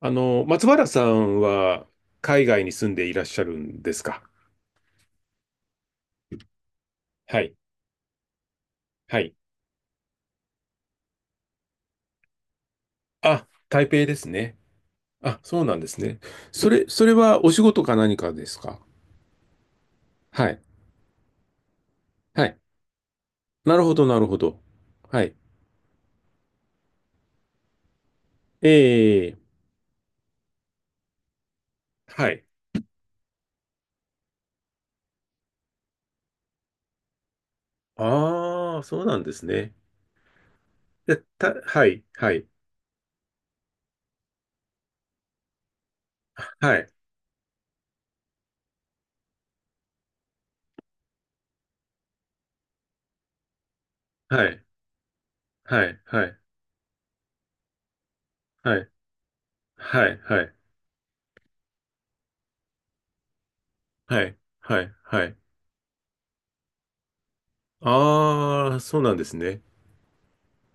松原さんは海外に住んでいらっしゃるんですか？はい。はい。あ、台北ですね。あ、そうなんですね。それはお仕事か何かですか？はい。はい。なるほど、なるほど。はい。ええ、はい。ああ、そうなんですね。はい、はい。はい、はい、はい、はい、はい、はい、はい、はい、はい、ああ、そうなんですね。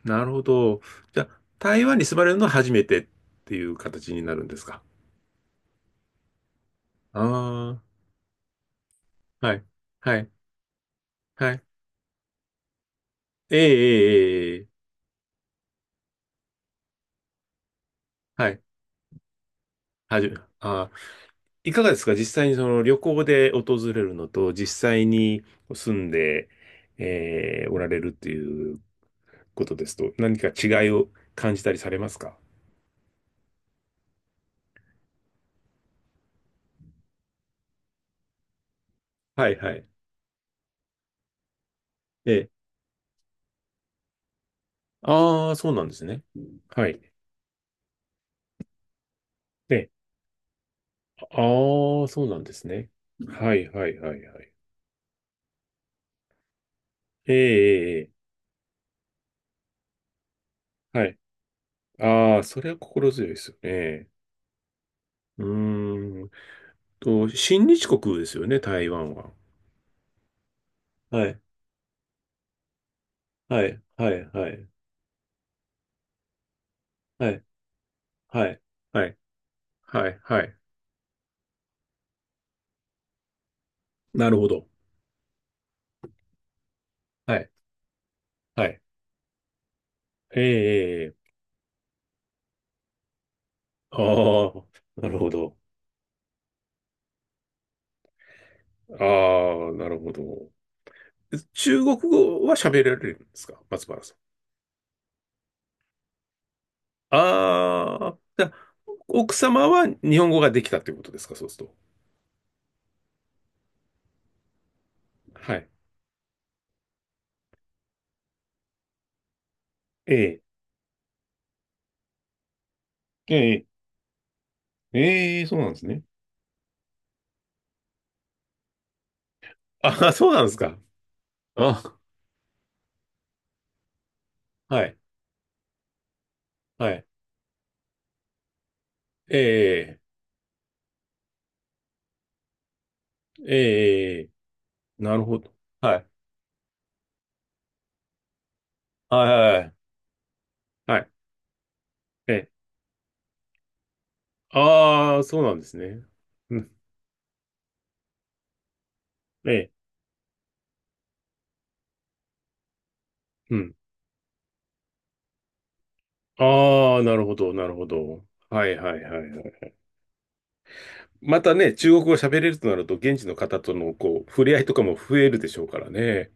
なるほど。じゃあ、台湾に住まれるのは初めてっていう形になるんですか？ああー、はい、はい、はい。ええ、ええ、ええ、はい、はじめ、あーいかがですか？実際にその旅行で訪れるのと、実際に住んで、えおられるっていうことですと、何か違いを感じたりされますか？はい、はい。ええ。ああ、そうなんですね。はい。ね。ああ、そうなんですね。はい、はい、はい、はい。ええ、ええ、はい。ああ、それは心強いですよね。うーん親日国ですよね、台湾は。はい、はい、はい、はい、はい、はい。はい、はい、はい。なるほど。はい、はい。ええ、ええ、ああ、なるほど。ああ、なるほど。中国語は喋られるんですか、松原さん？ああ、じゃあ、奥様は日本語ができたってことですか、そうすると？はい。ええ、ええ、ええ、そうなんですね。あ、そうなんですか。あ、はい。はい。ええ、ええ、なるほど。はい。はい、はい、はい。ええ。ああ、そうなんですね。うん。ええ、うん。ああ、なるほど、なるほど。はい、はい、はい、はい。またね、中国語喋れるとなると、現地の方との、こう、触れ合いとかも増えるでしょうからね。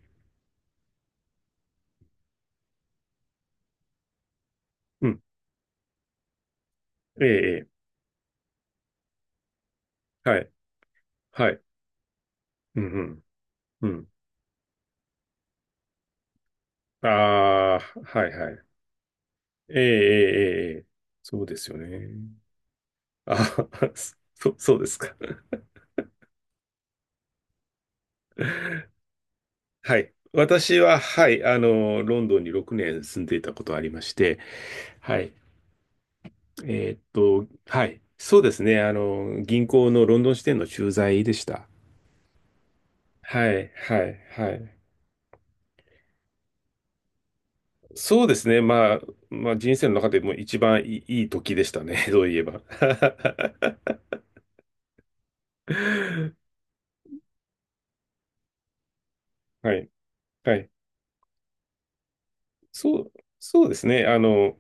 うん。ええ、ええ。はい、はい。うん、うん、うん。ああ、はい、はい。ええ、ええ、ええ。そうですよね。あ、そうですか。はい。私は、はい、ロンドンに6年住んでいたことありまして、はい。はい。そうですね。銀行のロンドン支店の駐在でした。はい、はい、はい。そうですね。まあ、まあ、人生の中でも一番いい、いい時でしたね。そういえば。はい、はい。そう、そうですね。あの、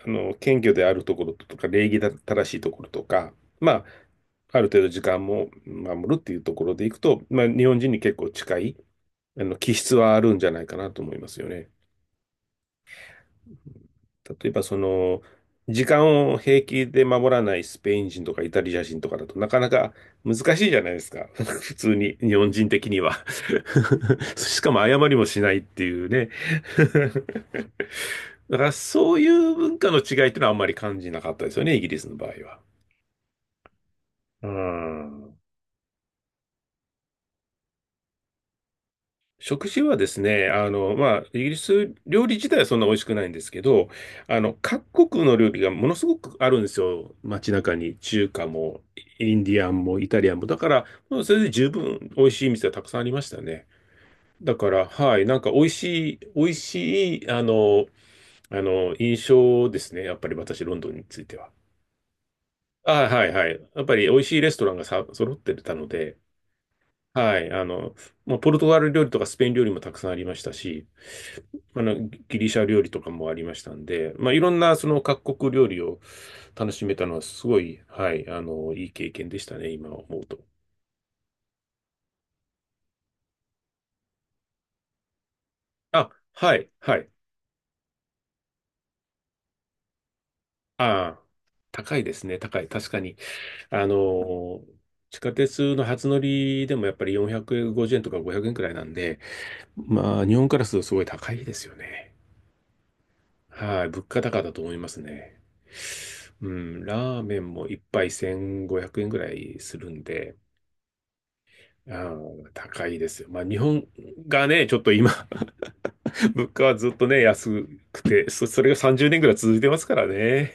あの、謙虚であるところとか、礼儀正しいところとか、まあ、ある程度時間も守るっていうところでいくと、まあ、日本人に結構近い、気質はあるんじゃないかなと思いますよね。例えば時間を平気で守らないスペイン人とかイタリア人とかだとなかなか難しいじゃないですか。普通に、日本人的には しかも謝りもしないっていうね。 だからそういう文化の違いってのはあんまり感じなかったですよね、イギリスの場合は。うん。食事はですね、まあ、イギリス料理自体はそんな美味しくないんですけど、各国の料理がものすごくあるんですよ。街中に。中華も、インディアンも、イタリアンも。だから、もうそれで十分美味しい店はたくさんありましたね。だから、はい、なんか美味しい、美味しい、印象ですね。やっぱり私、ロンドンについては。あ、はい、はい。やっぱり美味しいレストランがさ、揃ってたので、はい。まあ、ポルトガル料理とかスペイン料理もたくさんありましたし、ギリシャ料理とかもありましたんで、まあ、いろんなその各国料理を楽しめたのはすごい、はい、いい経験でしたね、今思うと。あ、はい、はい。ああ、高いですね、高い。確かに。あの、地下鉄の初乗りでもやっぱり450円とか500円くらいなんで、まあ、日本からするとすごい高いですよね。はい、物価高だと思いますね。うん、ラーメンも一杯1500円ぐらいするんで、ああ、高いですよ。まあ、日本がね、ちょっと今、物価はずっとね、安くて、それが30年ぐらい続いてますからね。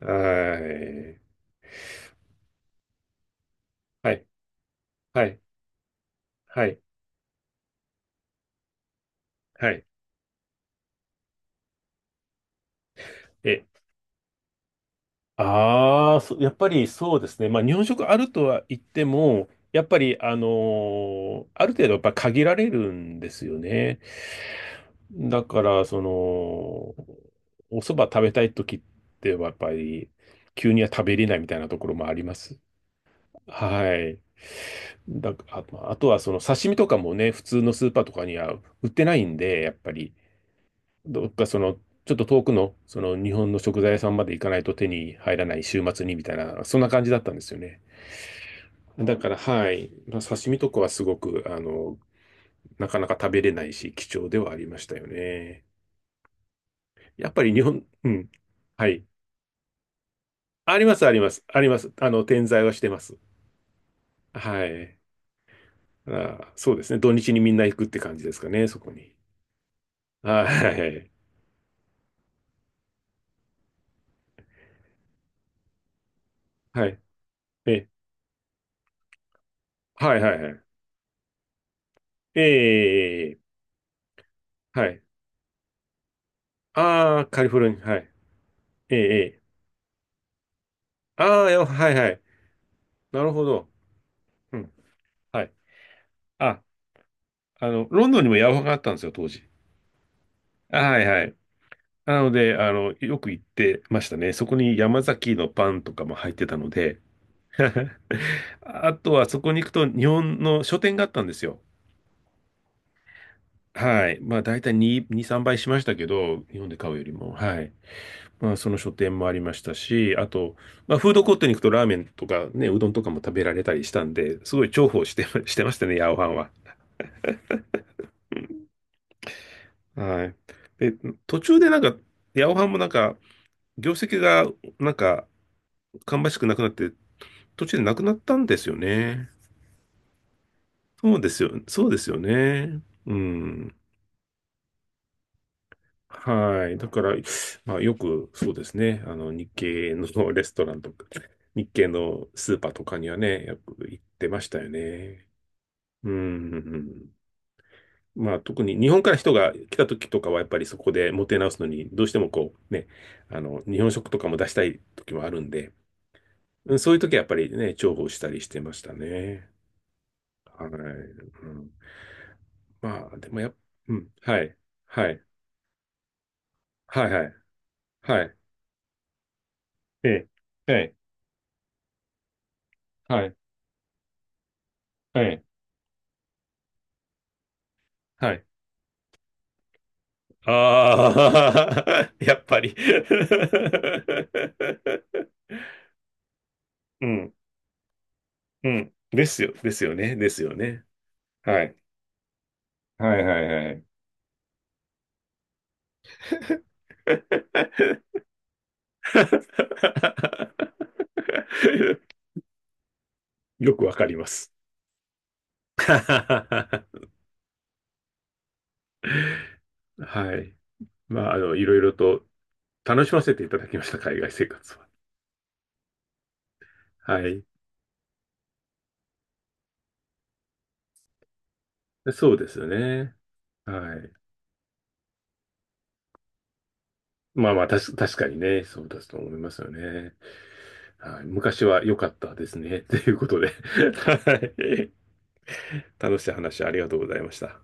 はい。はい。はい。はい。はい。え、ああ、やっぱりそうですね。まあ、日本食あるとは言っても、やっぱり、ある程度やっぱ限られるんですよね。だから、お蕎麦食べたい時ってはやっぱり、急には食べれないみたいなところもあります。はい。まあとはその刺身とかもね、普通のスーパーとかには売ってないんで、やっぱり、どっかその、ちょっと遠くの、その日本の食材屋さんまで行かないと手に入らない週末にみたいな、そんな感じだったんですよね。だから、はい。まあ、刺身とかはすごく、なかなか食べれないし、貴重ではありましたよね。やっぱり日本、うん。はい。あります、あります、あります。転在はしてます。はい。あ、そうですね。土日にみんな行くって感じですかね、そこに。はい。はい。え、はい、はい、はい。ええ、はい。ああ、カリフォルニア、はい。ええ、ええ。ああ、はい、はい。なるほど。うん。はい。あ、ロンドンにもヤマハがあったんですよ、当時。はい、はい。なので、よく行ってましたね。そこに山崎のパンとかも入ってたので、あとはそこに行くと日本の書店があったんですよ。はい。まあ、大体2、2、3倍しましたけど、日本で買うよりも。はい。まあ、その書店もありましたし、あと、まあ、フードコートに行くとラーメンとかね、うどんとかも食べられたりしたんで、すごい重宝して、してましたね、ヤオハンは。はい。で、途中でなんか、ヤオハンもなんか、業績がなんか、芳しくなくなって、途中でなくなったんですよね。そうですよ。そうですよね。うん。はい。だから、まあ、よく、そうですね。日系の レストランとか、日系のスーパーとかにはね、よく行ってましたよね。うん。うん、うん、まあ、特に日本から人が来た時とかは、やっぱりそこでもてなすのに、どうしてもこう、ね、日本食とかも出したい時もあるんで、うん、そういう時はやっぱりね、重宝したりしてましたね。はい。うん、まあ、でもやっ、うん。はい。はい。はい、はい。はい。ええ。ええ。はい。はい。はい。ああ、やっぱり うん、うん。ですよ、ですよね、ですよね。はい。はい、はい、はい。よくわかります。はい。まあ、いろいろと楽しませていただきました、海外生活は。はい。そうですね。はい。まあまあ、確かにね、そうだと思いますよね。はい、昔は良かったですね。ということで、はい、楽しい話ありがとうございました。